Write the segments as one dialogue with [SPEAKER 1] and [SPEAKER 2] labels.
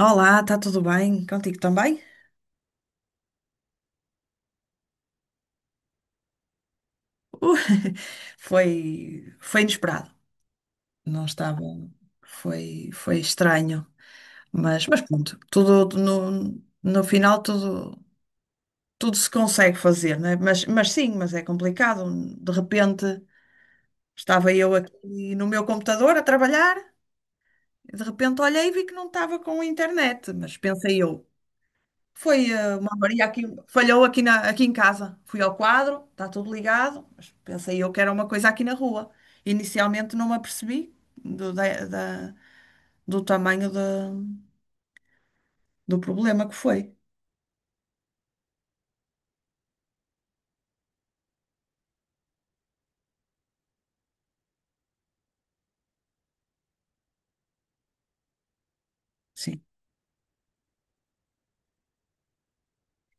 [SPEAKER 1] Olá, está tudo bem? Contigo também? Uh, foi inesperado. Não estava. Foi estranho. Mas pronto, tudo no final tudo, tudo se consegue fazer, não é? Mas sim, mas é complicado. De repente estava eu aqui no meu computador a trabalhar, e de repente olhei e vi que não estava com internet. Mas pensei eu, foi uma avaria aqui, falhou aqui em casa. Fui ao quadro, está tudo ligado, mas pensei eu que era uma coisa aqui na rua. Inicialmente não me apercebi do tamanho do problema que foi. Sim.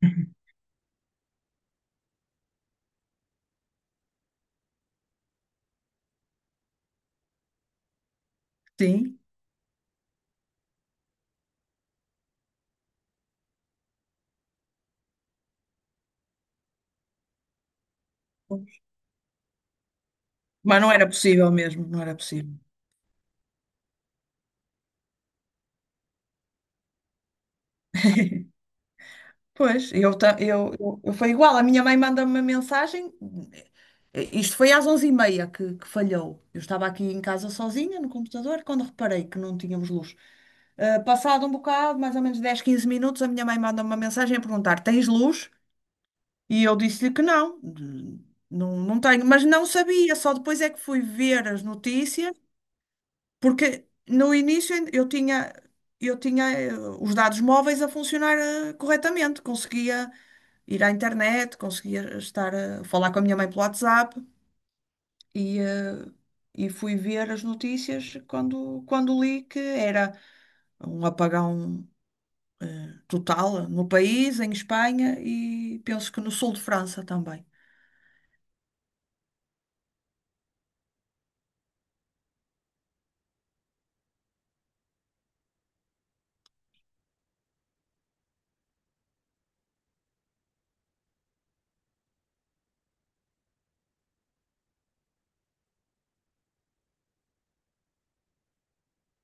[SPEAKER 1] Sim. Mas não era possível mesmo, não era possível. Pois, eu, ta- eu foi igual. A minha mãe manda-me uma mensagem. Isto foi às onze e meia que falhou. Eu estava aqui em casa sozinha no computador quando reparei que não tínhamos luz. Passado um bocado, mais ou menos 10 15 minutos, a minha mãe manda-me uma mensagem a perguntar: tens luz? E eu disse-lhe que não, não tenho, mas não sabia, só depois é que fui ver as notícias porque no início ainda eu tinha os dados móveis a funcionar corretamente, conseguia ir à internet, conseguia estar a falar com a minha mãe pelo WhatsApp e, e fui ver as notícias quando li que era um apagão total no país, em Espanha e penso que no sul de França também.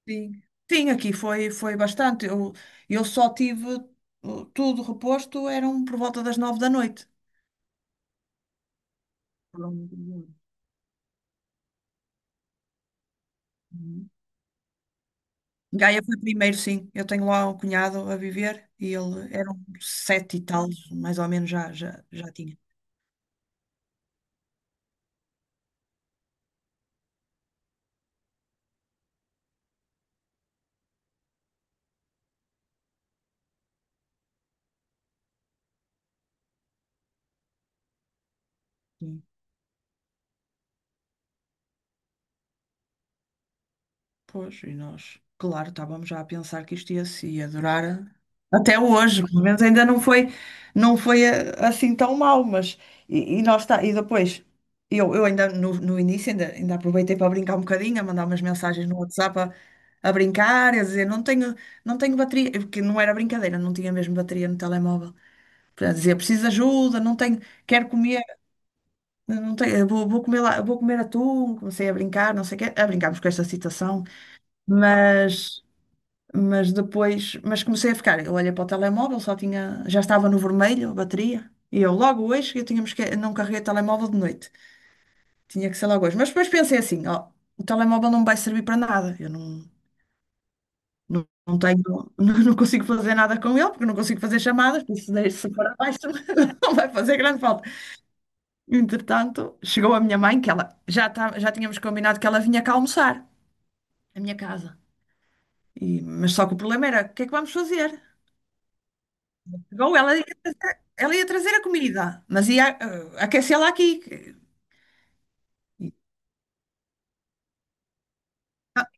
[SPEAKER 1] Sim. Sim, aqui foi, foi bastante. Eu só tive tudo reposto, eram por volta das nove da noite. Por um- Uhum. Gaia foi primeiro, sim. Eu tenho lá um cunhado a viver e ele era um sete e tal, mais ou menos já, já, já tinha. Sim. Pois, e nós, claro, estávamos já a pensar que isto ia, se- ia durar até hoje, pelo menos ainda não foi, não foi assim tão mal. Mas e nós está, e depois eu ainda no início ainda, ainda aproveitei para brincar um bocadinho, a mandar umas mensagens no WhatsApp a brincar, a dizer não tenho, não tenho bateria, porque não era brincadeira, não tinha mesmo bateria no telemóvel. Para dizer, preciso de ajuda, não tenho, quero comer, não tenho, vou, vou comer lá, vou comer atum, comecei a brincar, não sei o quê, a brincarmos com esta situação. Mas mas comecei a ficar. Eu olhei para o telemóvel, só tinha, já estava no vermelho a bateria. E eu logo hoje, eu tinha, não carreguei o telemóvel de noite. Tinha que ser logo hoje. Mas depois pensei assim, ó, o telemóvel não me vai servir para nada. Eu não tenho, não consigo fazer nada com ele, porque não consigo fazer chamadas, por isso se for abaixo, não vai fazer grande falta. Entretanto, chegou a minha mãe, que ela já, tá, já tínhamos combinado que ela vinha cá almoçar, à minha casa. Mas só que o problema era, o que é que vamos fazer? Bom, ela ia trazer a comida, mas ia aquecê-la aqui.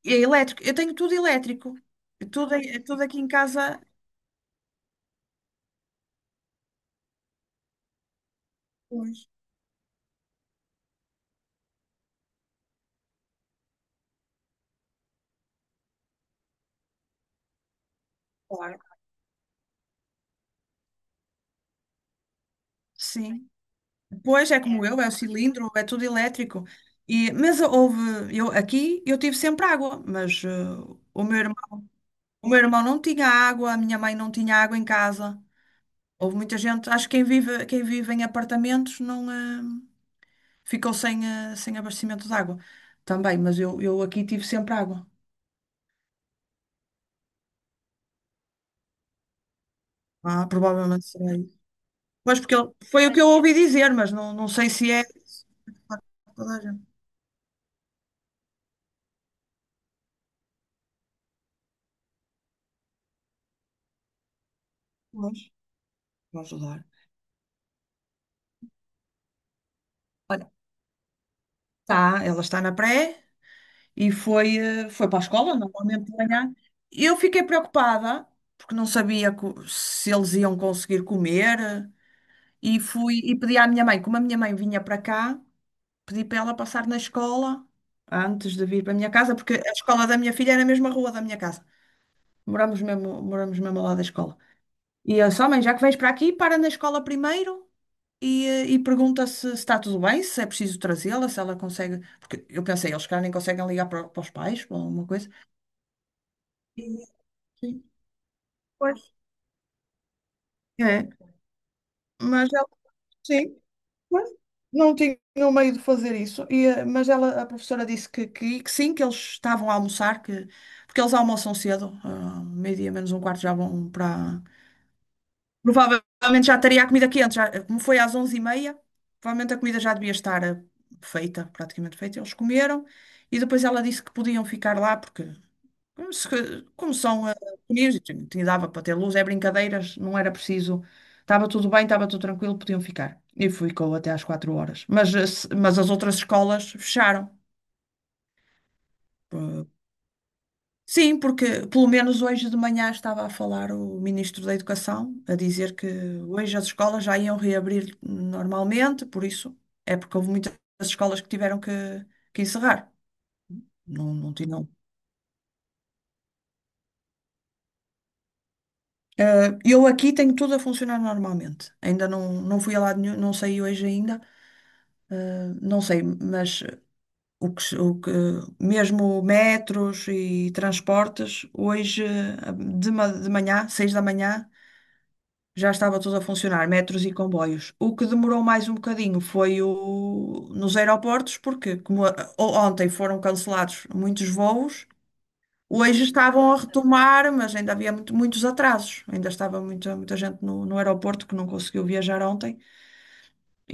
[SPEAKER 1] É elétrico. Eu tenho tudo elétrico. É tudo, é tudo aqui em casa. Pois, claro. Sim. Pois é como eu, é o cilindro, é tudo elétrico. E, mas houve, eu, aqui eu tive sempre água, mas o meu irmão, o meu irmão não tinha água, a minha mãe não tinha água em casa. Houve muita gente, acho que quem vive em apartamentos não. Ficou sem, sem abastecimento de água também, mas eu aqui tive sempre água. Ah, provavelmente será isso. Pois, porque foi o que eu ouvi dizer, mas não, não sei se é toda a gente. Pois, vou ajudar. Olha, tá, ela está na pré e foi, foi para a escola, normalmente de manhã. Eu fiquei preocupada, porque não sabia se eles iam conseguir comer, e fui e pedi à minha mãe, como a minha mãe vinha para cá. Pedi para ela passar na escola antes de vir para a minha casa, porque a escola da minha filha era na mesma rua da minha casa. Moramos mesmo ao lado da escola. E eu só, mãe, já que vens para aqui, para na escola primeiro e, e pergunta se está tudo bem, se é preciso trazê-la, se ela consegue. Porque eu pensei, eles cá nem conseguem ligar para os pais ou alguma coisa. E- Sim. Pois. É, mas ela, sim. Pois, não tinha meio de fazer isso, e, mas ela, a professora disse que sim, que eles estavam a almoçar, que, porque eles almoçam cedo, ah, meio-dia menos um quarto já vão para. Provavelmente já estaria a comida quente, já, como foi às onze e meia provavelmente a comida já devia estar feita, praticamente feita. Eles comeram e depois ela disse que podiam ficar lá, porque como, se, como são pequeninos, e dava para ter luz, é brincadeiras, não era preciso. Estava tudo bem, estava tudo tranquilo, podiam ficar. E ficou até às quatro horas. Mas, mas as outras escolas fecharam. Eh, Sim, porque pelo menos hoje de manhã estava a falar o Ministro da Educação, a dizer que hoje as escolas já iam reabrir normalmente, por isso é porque houve muitas escolas que tiveram que encerrar. Não, não tinham. Ah, eu aqui tenho tudo a funcionar normalmente. Ainda não, não fui a lado nenhum, não sei hoje ainda. Ah, não sei, mas ah, o que, se- o que- mesmo metros e transportes, hoje ah, de manhã, seis da manhã, já estava tudo a funcionar, metros e comboios. O que demorou mais um bocadinho foi nos aeroportos, porque como ontem foram cancelados muitos voos. Hoje estavam a retomar, mas ainda havia muitos atrasos. Ainda estava muita, muita gente no aeroporto que não conseguiu viajar ontem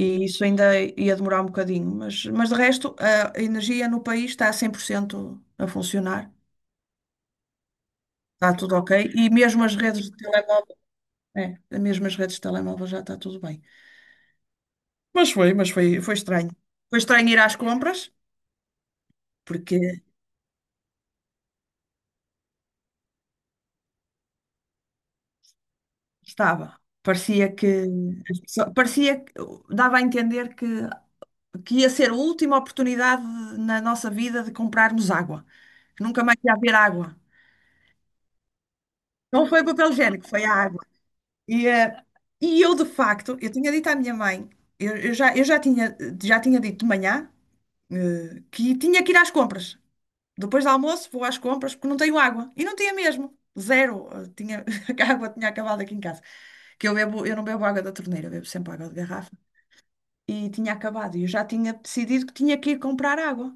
[SPEAKER 1] e isso ainda ia demorar um bocadinho. Mas de resto, a energia no país está a 100% a funcionar. Está tudo ok. E mesmo as redes de telemóvel, é, mesmo as redes de telemóvel já está tudo bem. Mas foi, foi estranho. Foi estranho ir às compras, porque estava. Parecia que, parecia que dava a entender que ia ser a última oportunidade na nossa vida de comprarmos água, que nunca mais ia haver água. Não foi o papel higiênico, foi a água. E, e eu, de facto, eu tinha dito à minha mãe, eu já tinha dito de manhã, que tinha que ir às compras. Depois do almoço, vou às compras porque não tenho água. E não tinha mesmo. Zero. Tinha, a água tinha acabado aqui em casa. Que eu bebo, eu não bebo água da torneira, eu bebo sempre água de garrafa. E tinha acabado. E eu já tinha decidido que tinha que ir comprar água.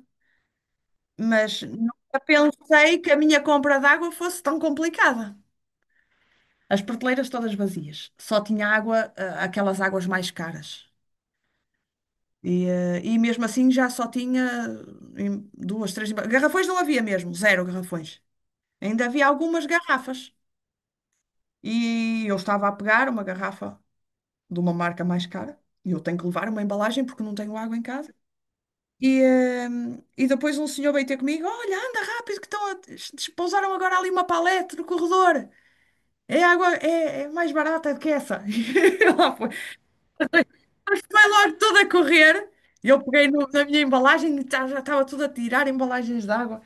[SPEAKER 1] Mas nunca pensei que a minha compra de água fosse tão complicada. As prateleiras todas vazias, só tinha água, ah, aquelas águas mais caras. E, e mesmo assim já só tinha em duas, três. Garrafões não havia mesmo, zero garrafões. Ainda havia algumas garrafas. E eu estava a pegar uma garrafa de uma marca mais cara. E eu tenho que levar uma embalagem porque não tenho água em casa. E, e depois um senhor veio ter comigo: olha, anda rápido, que estão a... despousaram agora ali uma palete no corredor. É água, é, é mais barata do que essa. E lá foi. Mas foi logo toda a correr. E eu peguei na minha embalagem e já estava tudo a tirar embalagens de água.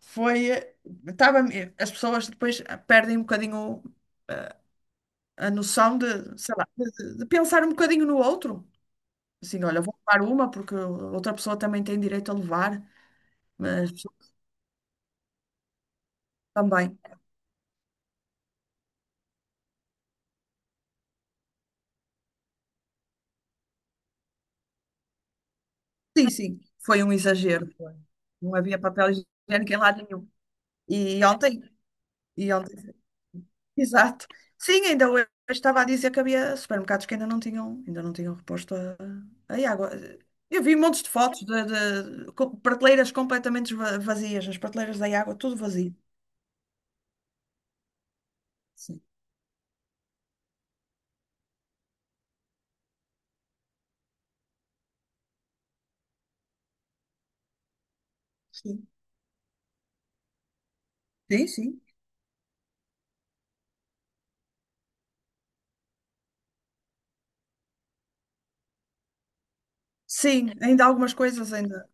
[SPEAKER 1] Foi. Tava, as pessoas depois perdem um bocadinho a noção de, sei lá, de pensar um bocadinho no outro. Assim, olha, vou levar uma porque outra pessoa também tem direito a levar, mas as pessoas também. Sim, sim, foi um exagero. Foi. Não havia papel higiênico em lado nenhum. E ontem, e ontem exato. Sim, ainda hoje estava a dizer que havia supermercados que ainda não tinham reposto a água. Eu vi montes de fotos de, prateleiras completamente vazias, as prateleiras da água, tudo vazio. Sim, sim, sim. Sim, sim, ainda algumas coisas ainda.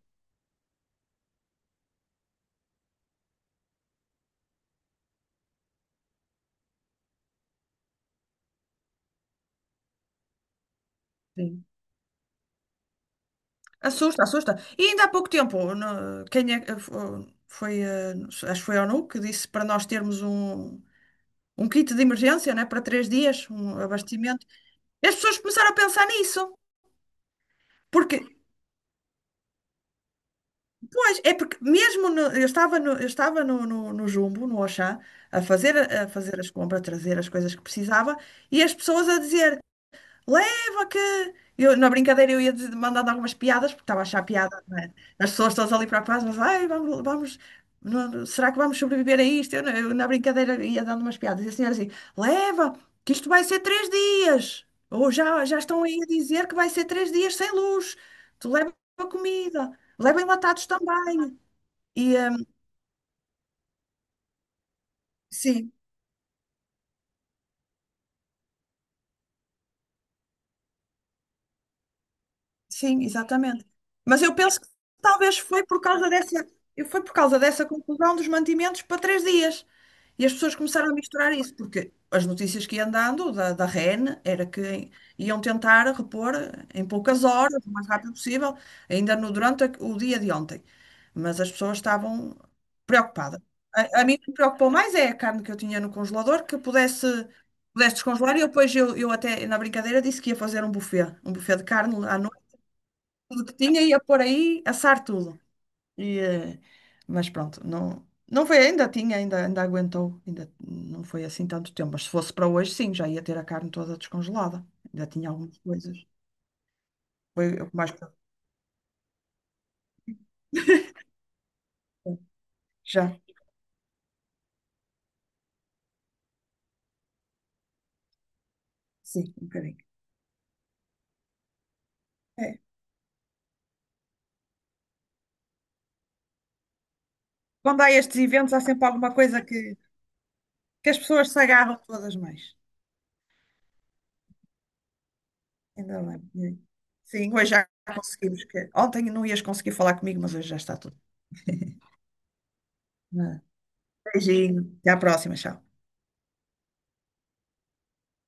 [SPEAKER 1] Sim. Assusta, assusta. E ainda há pouco tempo, no- quem é, eh, fo- foi, eh, acho que foi a ONU que disse para nós termos um, um kit de emergência, né, para três dias, um abastecimento. E as pessoas começaram a pensar nisso. Porque pois, é porque mesmo eu estava no, eu estava no Jumbo, no Auchan, a fazer as compras, a trazer as coisas que precisava, e as pessoas a dizer, leva que. Eu, na brincadeira eu ia dizer- mandando algumas piadas, porque estava a achar piada, não é? As pessoas todas ali para a paz, mas ai, vamos, vamos não- será que vamos sobreviver a isto? Eu na brincadeira ia dando umas piadas. E a senhora assim, leva, que isto vai ser três dias. Ou já, já estão aí a dizer que vai ser três dias sem luz. Tu leva a comida, leva enlatados também. E, sim, sim, exatamente. Mas eu penso que talvez foi por causa dessa, foi por causa dessa conclusão dos mantimentos para três dias. E as pessoas começaram a misturar isso, porque as notícias que iam dando da REN era que iam tentar repor em poucas horas, o mais rápido possível, ainda no, durante o dia de ontem. Mas as pessoas estavam preocupadas. A mim o que me preocupou mais é a carne que eu tinha no congelador, pudesse descongelar. E eu depois eu até, na brincadeira, disse que ia fazer um buffet de carne à noite, tudo que tinha, ia pôr aí, assar tudo. E, mas pronto, não, não foi, ainda tinha, ainda, ainda aguentou, ainda não foi assim tanto tempo. Mas se fosse para hoje, sim, já ia ter a carne toda descongelada. Ainda tinha algumas coisas. Foi o que mais preocupante. Já, sim, um bocadinho. É. Quando há estes eventos, há sempre alguma coisa que as pessoas se agarram todas mais. Ainda bem. Sim, hoje já conseguimos. Que... Ontem não ias conseguir falar comigo, mas hoje já está tudo. É. Beijinho, até à próxima, tchau.